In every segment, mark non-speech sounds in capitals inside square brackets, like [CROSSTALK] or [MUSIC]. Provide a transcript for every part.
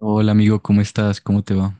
Hola amigo, ¿cómo estás? ¿Cómo te va?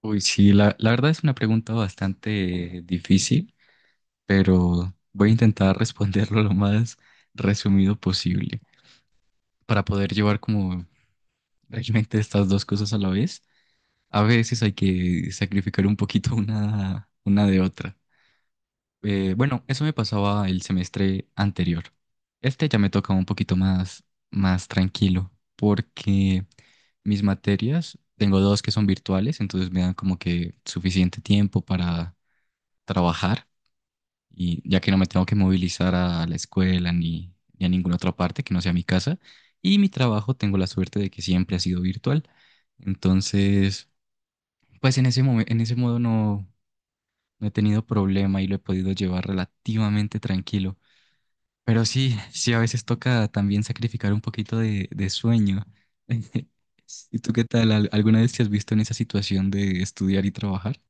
Uy, sí, la verdad es una pregunta bastante difícil, pero voy a intentar [LAUGHS] responderlo lo más resumido posible para poder llevar como realmente estas dos cosas a la vez. A veces hay que sacrificar un poquito una de otra. Bueno, eso me pasaba el semestre anterior. Este ya me tocaba un poquito más, más tranquilo, porque mis materias, tengo dos que son virtuales, entonces me dan como que suficiente tiempo para trabajar, y ya que no me tengo que movilizar a la escuela ni, ni a ninguna otra parte que no sea mi casa, y mi trabajo tengo la suerte de que siempre ha sido virtual. Entonces, pues en ese modo no, no he tenido problema y lo he podido llevar relativamente tranquilo. Pero sí, sí, a veces toca también sacrificar un poquito de sueño. [LAUGHS] ¿Y tú qué tal? ¿Alguna vez te has visto en esa situación de estudiar y trabajar?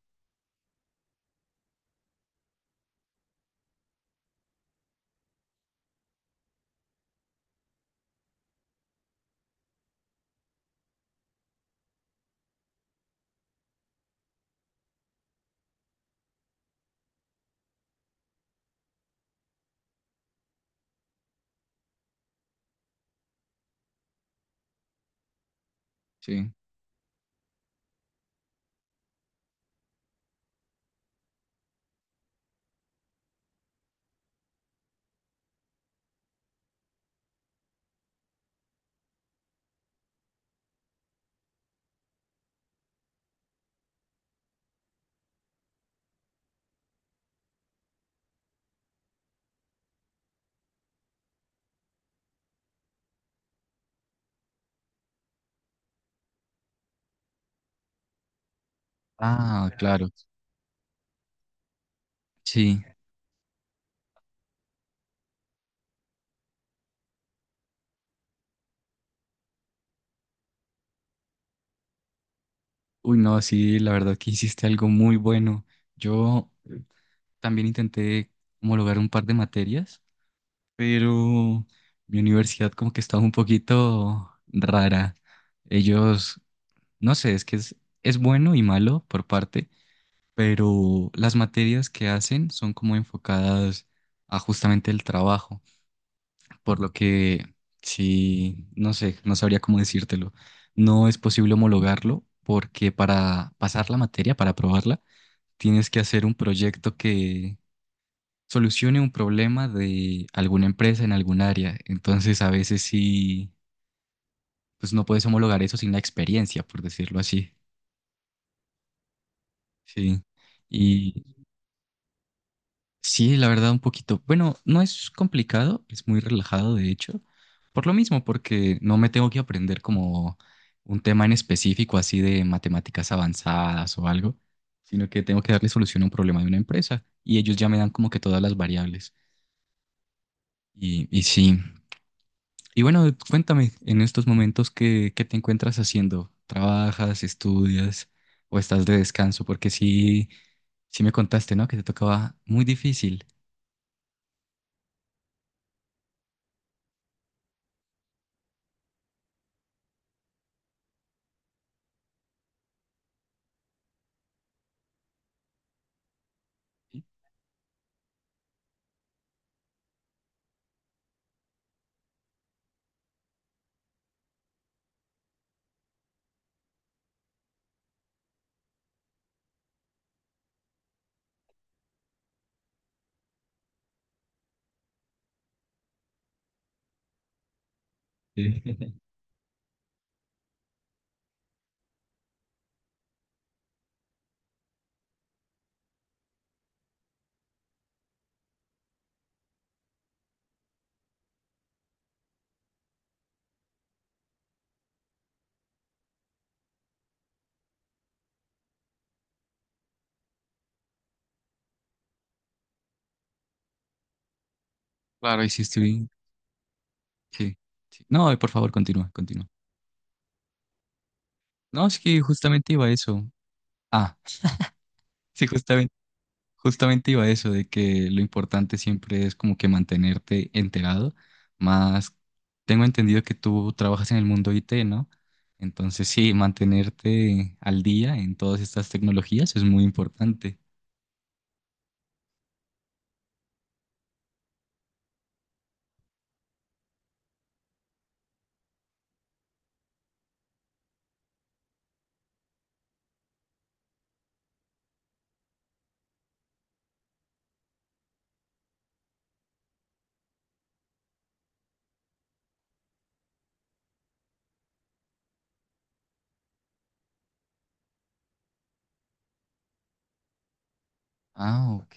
Sí. Ah, claro. Sí. Uy, no, sí, la verdad que hiciste algo muy bueno. Yo también intenté homologar un par de materias, pero mi universidad como que estaba un poquito rara. Ellos, no sé, es bueno y malo por parte, pero las materias que hacen son como enfocadas a justamente el trabajo, por lo que sí, no sé, no sabría cómo decírtelo. No es posible homologarlo porque para pasar la materia, para aprobarla, tienes que hacer un proyecto que solucione un problema de alguna empresa en algún área. Entonces, a veces sí, pues no puedes homologar eso sin la experiencia, por decirlo así. Sí. Sí, la verdad, un poquito. Bueno, no es complicado, es muy relajado, de hecho. Por lo mismo, porque no me tengo que aprender como un tema en específico, así de matemáticas avanzadas o algo, sino que tengo que darle solución a un problema de una empresa y ellos ya me dan como que todas las variables. Y sí. Y bueno, cuéntame, en estos momentos, ¿qué te encuentras haciendo? ¿Trabajas, estudias o estás de descanso? Porque sí, sí me contaste, ¿no? Que te tocaba muy difícil. Sí. Claro, y sí estoy. Sí, sí. No, por favor, continúa, continúa. No, es que justamente iba a eso. Ah, [LAUGHS] sí, justamente, justamente iba a eso, de que lo importante siempre es como que mantenerte enterado. Más, tengo entendido que tú trabajas en el mundo IT, ¿no? Entonces, sí, mantenerte al día en todas estas tecnologías es muy importante. Ah, ok.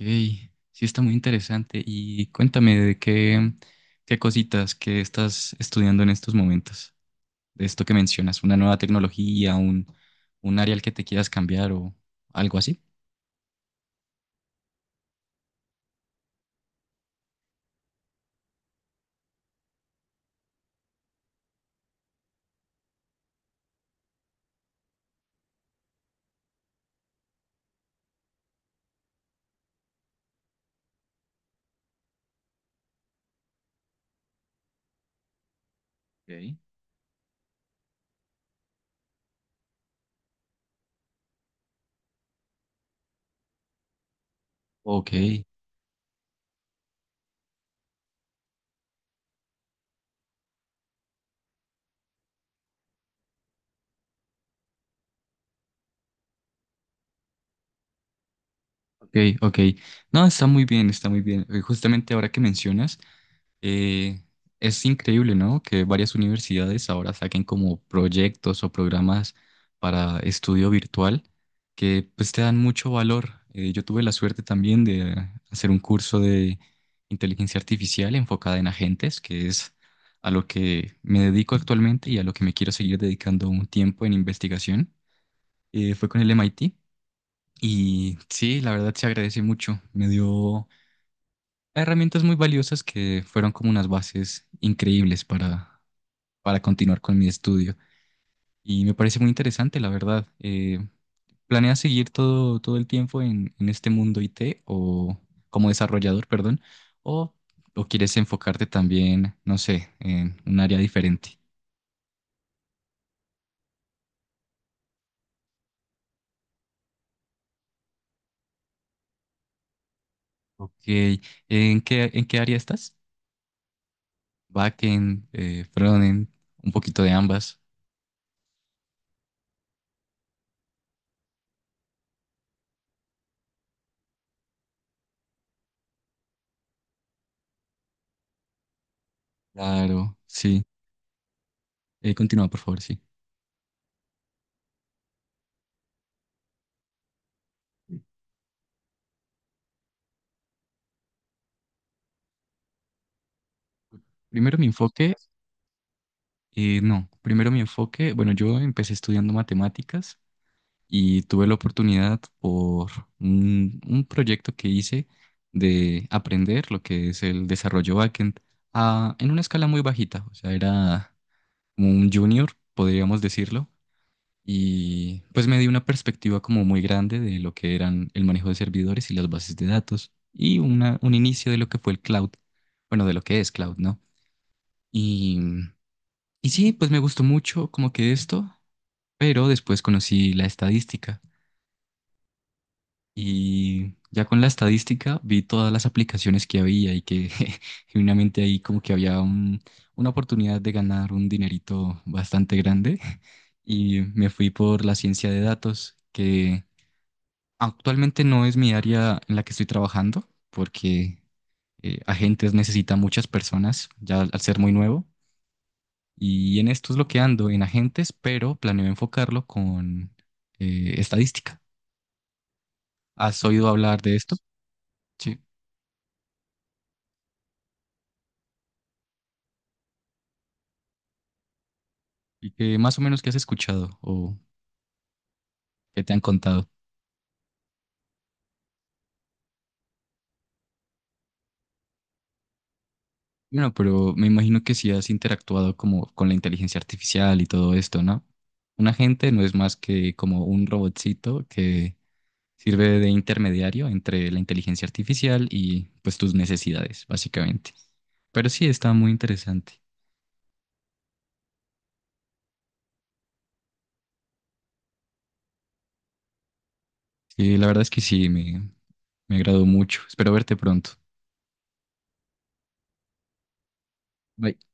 Sí, está muy interesante. Y cuéntame de qué, qué cositas que estás estudiando en estos momentos, de esto que mencionas, una nueva tecnología, un área al que te quieras cambiar o algo así. Ok. Ok, ok, ok. No, está muy bien, está muy bien. Justamente ahora que mencionas, Eh, es increíble, ¿no? Que varias universidades ahora saquen como proyectos o programas para estudio virtual que pues te dan mucho valor. Yo tuve la suerte también de hacer un curso de inteligencia artificial enfocada en agentes, que es a lo que me dedico actualmente y a lo que me quiero seguir dedicando un tiempo en investigación. Fue con el MIT y sí, la verdad se agradece mucho. Me dio herramientas muy valiosas que fueron como unas bases increíbles para continuar con mi estudio. Y me parece muy interesante, la verdad. ¿Planeas seguir todo, todo el tiempo en este mundo IT o como desarrollador, perdón? ¿O, o quieres enfocarte también, no sé, en un área diferente? Ok, en qué área estás? Backend, frontend, un poquito de ambas. Claro, sí. Continúa, por favor, sí. Primero mi enfoque No, primero mi enfoque, bueno, yo empecé estudiando matemáticas y tuve la oportunidad por un proyecto que hice de aprender lo que es el desarrollo backend en una escala muy bajita, o sea, era como un junior, podríamos decirlo, y pues me dio una perspectiva como muy grande de lo que eran el manejo de servidores y las bases de datos y un inicio de lo que fue el cloud, bueno, de lo que es cloud, ¿no? Y... Y sí, pues me gustó mucho como que esto. Pero después conocí la estadística y ya con la estadística vi todas las aplicaciones que había y que [LAUGHS] genuinamente ahí como que una oportunidad de ganar un dinerito bastante grande [LAUGHS] y me fui por la ciencia de datos, que actualmente no es mi área en la que estoy trabajando porque agentes necesita muchas personas ya al ser muy nuevo y en esto es lo que ando en agentes, pero planeo enfocarlo con estadística. ¿Has oído hablar de esto? Sí. ¿Y que más o menos qué has escuchado o qué te han contado? Bueno, pero me imagino que si has interactuado como con la inteligencia artificial y todo esto, ¿no? Un agente no es más que como un robotcito que sirve de intermediario entre la inteligencia artificial y pues tus necesidades, básicamente. Pero sí, está muy interesante. Y la verdad es que sí, me agradó mucho. Espero verte pronto. Bye.